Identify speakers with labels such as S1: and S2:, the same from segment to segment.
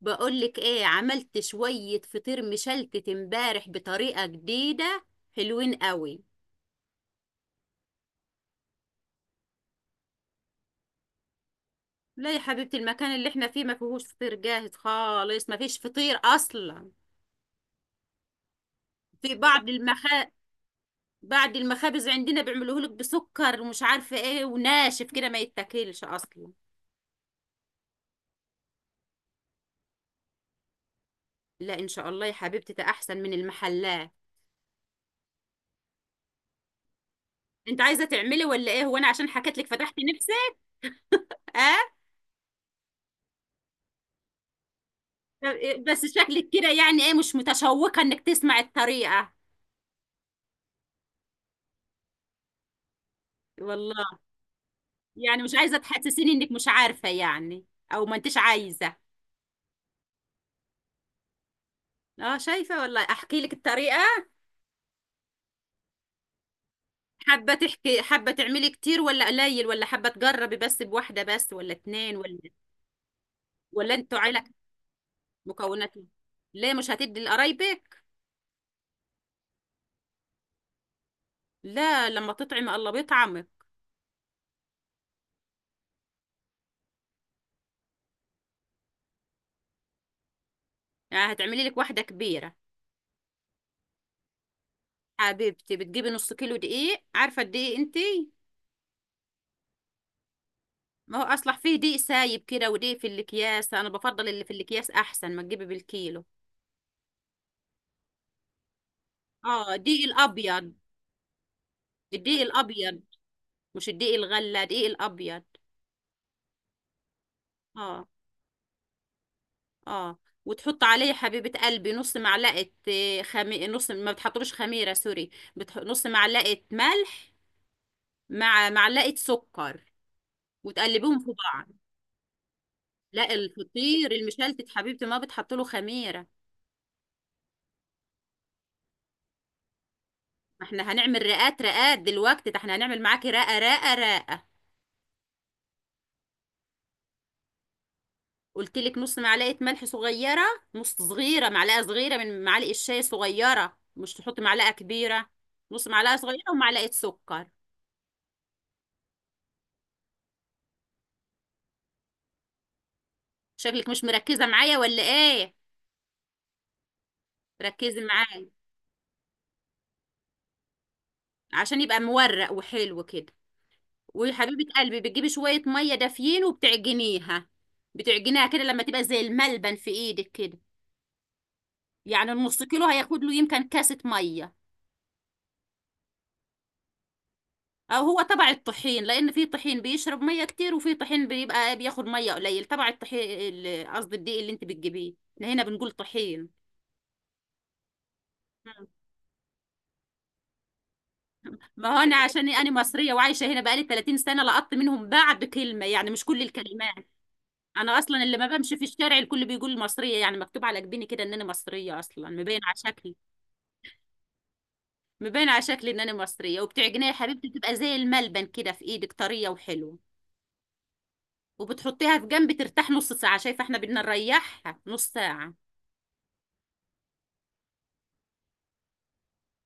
S1: بقولك ايه، عملت شوية فطير مشلتت امبارح بطريقة جديدة. حلوين قوي. لا يا حبيبتي، المكان اللي احنا فيه ما فيهوش فطير جاهز خالص، ما فيش فطير اصلا. في بعض المخا بعض المخابز عندنا بيعملوه لك بسكر ومش عارفة ايه، وناشف كده ما يتاكلش اصلا. لا ان شاء الله يا حبيبتي، ده احسن من المحلات. انت عايزة تعملي ولا ايه؟ هو انا عشان حكيت لك فتحت نفسك؟ اه. طب إيه، بس شكلك كده يعني ايه، مش متشوقة انك تسمع الطريقة؟ والله يعني مش عايزة تحسسيني انك مش عارفة يعني، او ما انتش عايزة. اه شايفة، والله احكي لك الطريقة. حابة تحكي، حابة تعملي كتير ولا قليل، ولا حابة تجربي بس بواحدة بس، ولا اتنين ولا ولا انتوا عيلة؟ مكوناته. ليه مش هتدي لقرايبك؟ لا لما تطعم الله بيطعمك. يعني هتعملي لك واحدة كبيرة؟ حبيبتي بتجيبي نص كيلو دقيق، عارفة الدقيق انتي؟ ما هو اصلح فيه دقيق سايب كده ودقيق في الاكياس، انا بفضل اللي في الاكياس، احسن ما تجيبي بالكيلو. اه دقيق الابيض، الدقيق الابيض، مش الدقيق الغله، دقيق الابيض. اه اه. وتحط عليه حبيبه قلبي نص، ما بتحطلوش خميره، سوري. نص معلقه ملح، مع معلقه سكر، وتقلبيهم في بعض. لا الفطير المشلتت حبيبتي ما بتحط له خميره. ما احنا هنعمل رقات رقات دلوقتي، ده احنا هنعمل معاكي رقه رقه رقه. قلت لك نص معلقه ملح صغيره، نص صغيره، معلقه صغيره من معالق الشاي صغيره، مش تحطي معلقه كبيره. نص معلقه صغيره ومعلقه سكر. شكلك مش مركزه معايا ولا ايه؟ ركزي معايا. عشان يبقى مورق وحلو كده. وحبيبه قلبي بتجيبي شويه ميه دافيين وبتعجنيها. بتعجنيها كده لما تبقى زي الملبن في ايدك كده. يعني النص كيلو هياخد له يمكن كاسه ميه. او هو تبع الطحين، لان في طحين بيشرب ميه كتير وفي طحين بيبقى بياخد ميه قليل، تبع الطحين قصدي الدقيق اللي انت بتجيبيه، احنا هنا بنقول طحين. مم. ما هو انا عشان انا مصريه وعايشه هنا بقالي 30 سنه، لقطت منهم بعض كلمه، يعني مش كل الكلمات. انا اصلا اللي ما بمشي في الشارع الكل بيقول مصريه، يعني مكتوب على جبيني كده ان انا مصريه، اصلا مبين على شكلي. مبين على شكلي ان انا مصريه. وبتعجنيه يا حبيبتي بتبقى زي الملبن كده في ايدك، طريه وحلوه. وبتحطيها في جنب ترتاح نص ساعه، شايفه احنا بدنا نريحها نص ساعه.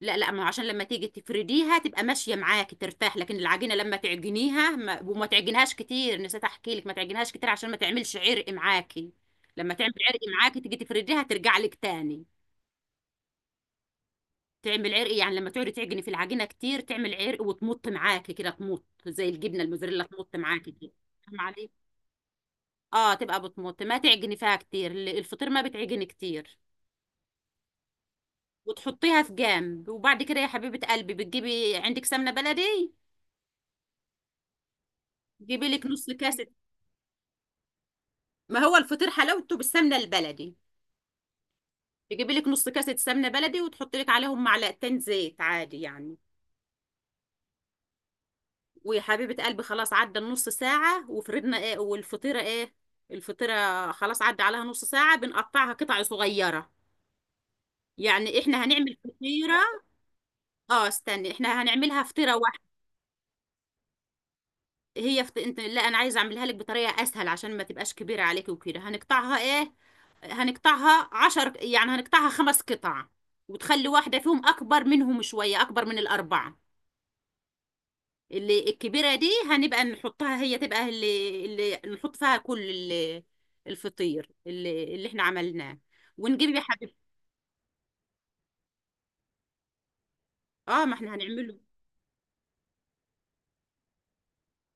S1: لا لا، ما هو عشان لما تيجي تفرديها تبقى ماشيه معاك، ترتاح. لكن العجينه لما تعجنيها ما تعجنهاش كتير، نسيت احكي لك، ما تعجنهاش كتير عشان ما تعملش عرق معاكي. لما تعمل عرق معاكي تيجي تفرديها ترجع لك تاني. تعمل عرق يعني لما تقعدي تعجني في العجينه كتير تعمل عرق وتمط معاكي كده، تمط زي الجبنه الموزاريلا، تمط معاكي كده. فاهمه عليك. اه تبقى بتمط، ما تعجني فيها كتير، الفطير ما بتعجني كتير. وتحطيها في جنب، وبعد كده يا حبيبه قلبي بتجيبي عندك سمنه بلدي. جيبي لك نص كاس، ما هو الفطير حلاوته بالسمنه البلدي. تجيبي لك نص كاسه سمنه بلدي وتحطي لك عليهم معلقتين زيت عادي يعني. ويا حبيبه قلبي، خلاص عدى النص ساعه، وفرضنا ايه والفطيره ايه، الفطيره خلاص عدى عليها نص ساعه، بنقطعها قطع صغيره. يعني احنا هنعمل فطيره. اه استني، احنا هنعملها فطيره. انت، لا انا عايزه اعملها لك بطريقه اسهل عشان ما تبقاش كبيره عليك وكده، هنقطعها ايه، هنقطعها 10، يعني هنقطعها خمس قطع. وتخلي واحده فيهم اكبر منهم شويه، اكبر من الاربعه. اللي الكبيره دي هنبقى نحطها، هي تبقى اللي نحط فيها كل الفطير اللي احنا عملناه. ونجيب يا حبيبتي. اه، ما احنا هنعمله.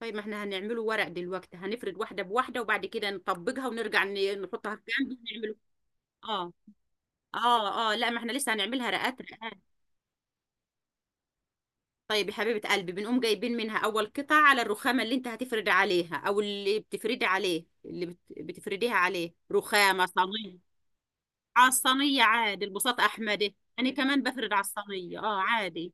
S1: طيب ما احنا هنعمله ورق دلوقتي، هنفرد واحده بواحده، وبعد كده نطبقها ونرجع نحطها في جنب ونعمله. اه اه. اه، لا ما احنا لسه هنعملها رقات رقات. طيب يا حبيبة قلبي، بنقوم جايبين منها اول قطعة على الرخامة اللي انت هتفرد عليها، او اللي بتفردي عليه، اللي بتفرديها عليه، رخامة صينية. على الصينية عادي، البساط احمدي، انا كمان بفرد على الصينية اه عادي.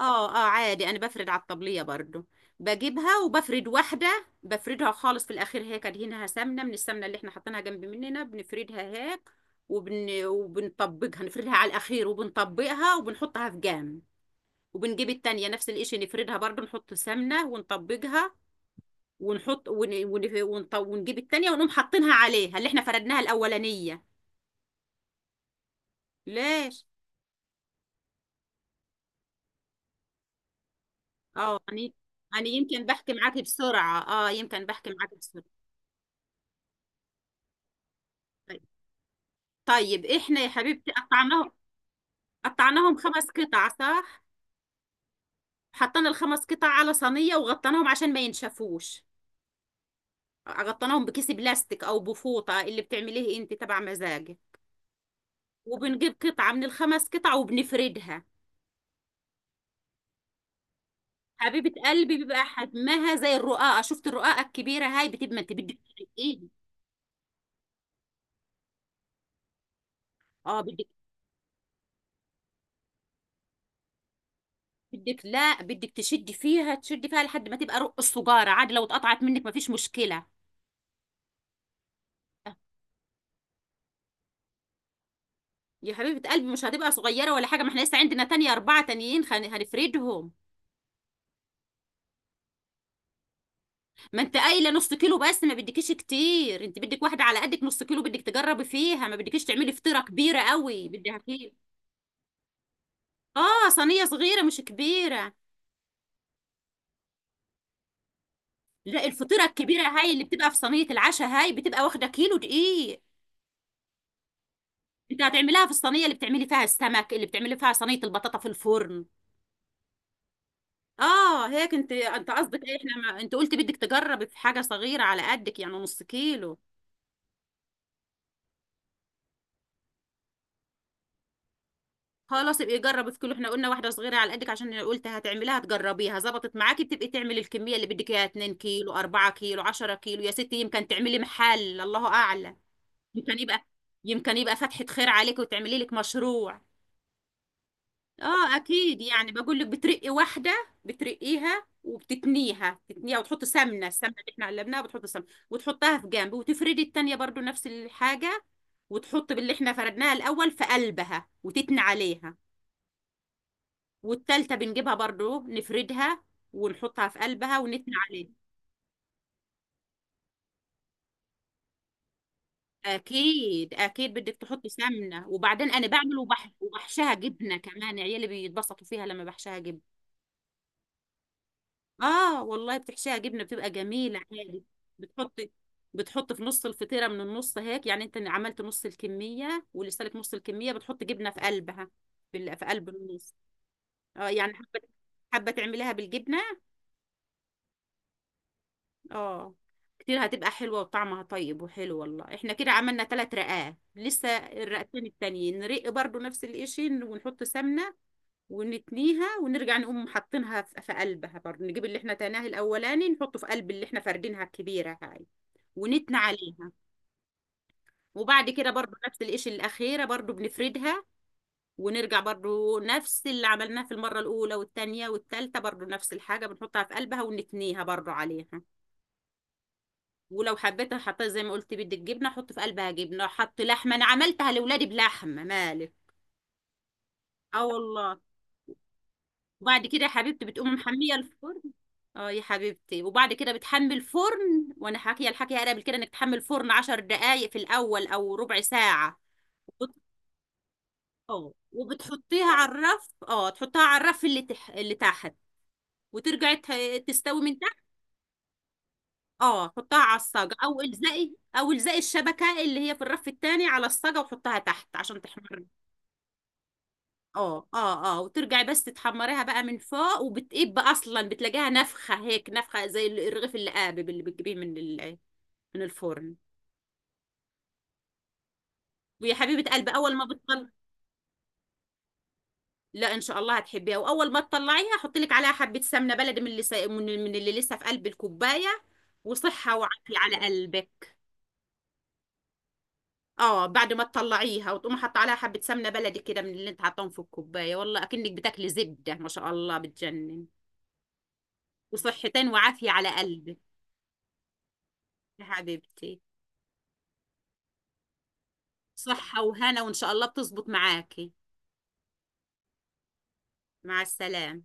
S1: اه اه عادي، انا بفرد على الطبلية برضو. بجيبها وبفرد واحدة، بفردها خالص في الاخير هيك، ادهنها سمنة من السمنة اللي احنا حاطينها جنب مننا، بنفردها هيك. وبنطبقها، نفردها على الاخير وبنطبقها وبنحطها في جام. وبنجيب التانية نفس القشر، نفردها برضو، نحط سمنة ونطبجها. ونحط ون... ون... ونط... ونجيب التانية ونقوم حاطينها عليها اللي احنا فردناها الأولانية. ليش؟ اه يعني، يعني يمكن بحكي معاكي بسرعة. اه يمكن بحكي معاكي بسرعة. طيب. طيب احنا يا حبيبتي قطعناهم. قطعناهم خمس قطع صح؟ حطينا الخمس قطع على صينية وغطيناهم عشان ما ينشفوش. غطيناهم بكيس بلاستيك او بفوطة، اللي بتعمليه انت تبع مزاجك. وبنجيب قطعة من الخمس قطع وبنفردها. حبيبة قلبي بيبقى حجمها زي الرقاقة، شفت الرقاقة الكبيرة هاي، بتبقى انت بدك ترقيها. اه بدك، بدك لا بدك تشدي فيها، تشدي فيها لحد ما تبقى رق السجارة، عادي لو اتقطعت منك مفيش مشكلة. يا حبيبة قلبي مش هتبقى صغيرة ولا حاجة، ما احنا لسه عندنا تانية، أربعة تانيين هنفردهم. ما انت قايلة نص كيلو بس، ما بدكيش كتير، انت بدك واحدة على قدك، نص كيلو بدك تجربي فيها، ما بدكيش تعملي فطيرة كبيرة قوي بدها كيلو. اه صينية صغيرة مش كبيرة. لا الفطيره الكبيره هاي اللي بتبقى في صينيه العشاء، هاي بتبقى واخده كيلو دقيق. انت هتعمليها في الصينيه اللي بتعملي فيها السمك، اللي بتعملي فيها صينيه البطاطا في الفرن. اه هيك، انت انت قصدك ايه، احنا ما... انت قلت بدك تجربي في حاجه صغيره على قدك، يعني نص كيلو. خلاص ابقي جربي في كيلو، احنا قلنا واحده صغيره على قدك عشان قلت هتعمليها تجربيها، ظبطت معاكي بتبقي تعملي الكميه اللي بدك اياها، 2 كيلو 4 كيلو 10 كيلو يا ستي، يمكن تعملي محل الله اعلم. يمكن يبقى، يمكن يبقى فتحه خير عليك وتعملي لك مشروع. اه اكيد، يعني بقول لك بترقي واحده، بترقيها وبتتنيها، تتنيها وتحط سمنه، السمنه اللي احنا قلبناها بتحط سمنه وتحطها في جنب. وتفردي التانيه برضو نفس الحاجه، وتحط باللي احنا فردناها الاول في قلبها وتتني عليها. والتالته بنجيبها برضو نفردها ونحطها في قلبها ونتني عليها. اكيد اكيد بدك تحطي سمنه. وبعدين انا بعمل وبحشها جبنه كمان، عيالي بيتبسطوا فيها لما بحشها جبنه. اه والله بتحشيها جبنه بتبقى جميله عادي. بتحطي بتحط في نص الفطيره، من النص هيك، يعني انت عملت نص الكميه ولسه لك نص الكميه، بتحط جبنه في قلبها، في قلب النص. اه يعني حابه، حابه تعمليها بالجبنه اه. كتير هتبقى حلوه وطعمها طيب وحلو والله. احنا كده عملنا ثلاث رقات، لسه الرقتين التانيين نرق برضو نفس الاشي ونحط سمنه ونتنيها. ونرجع نقوم حاطينها في قلبها برضه. نجيب اللي احنا تناه الاولاني نحطه في قلب اللي احنا فردينها الكبيره هاي ونتنى عليها. وبعد كده برضو نفس القش الأخيرة برضو بنفردها. ونرجع برضو نفس اللي عملناه في المرة الأولى والتانية والتالتة برضو نفس الحاجة، بنحطها في قلبها ونتنيها برضو عليها. ولو حبيت حطيت زي ما قلت بدك جبنة حط في قلبها جبنة، حط لحمة، أنا عملتها لأولادي بلحمة مالك. اه والله. وبعد كده يا حبيبتي بتقوم محميه الفرن. اه يا حبيبتي، وبعد كده بتحمي الفرن، وانا حاكيه الحكي قبل كده، انك تحمي الفرن 10 دقائق في الاول او ربع ساعه. وبت- اه وبتحطيها على الرف، اه تحطها على الرف اللي تحت. وترجعي تستوي من تحت. اه حطها على الصاجه، او الزقي، او الزقي الشبكه اللي هي في الرف التاني، على الصاجه وحطها تحت عشان تحمر. اه اه اه. وترجعي بس تتحمريها بقى من فوق، وبتقب اصلا بتلاقيها نفخه هيك، نفخه زي الرغيف اللي قابب اللي بتجيبيه من من الفرن. ويا حبيبه قلبي اول ما بتطلع، لا ان شاء الله هتحبيها، واول ما تطلعيها حطي لك عليها حبه سمنه بلدي من اللي سا... من من اللي لسه في قلب الكوبايه، وصحه وعافيه على قلبك. اه بعد ما تطلعيها وتقومي حاطه عليها حبه سمنه بلدي كده من اللي انت حاطاهم في الكوبايه، والله اكنك بتاكلي زبده ما شاء الله بتجنن. وصحتين وعافيه على قلبك يا حبيبتي. صحة وهنا وإن شاء الله بتظبط معاكي. مع السلامة.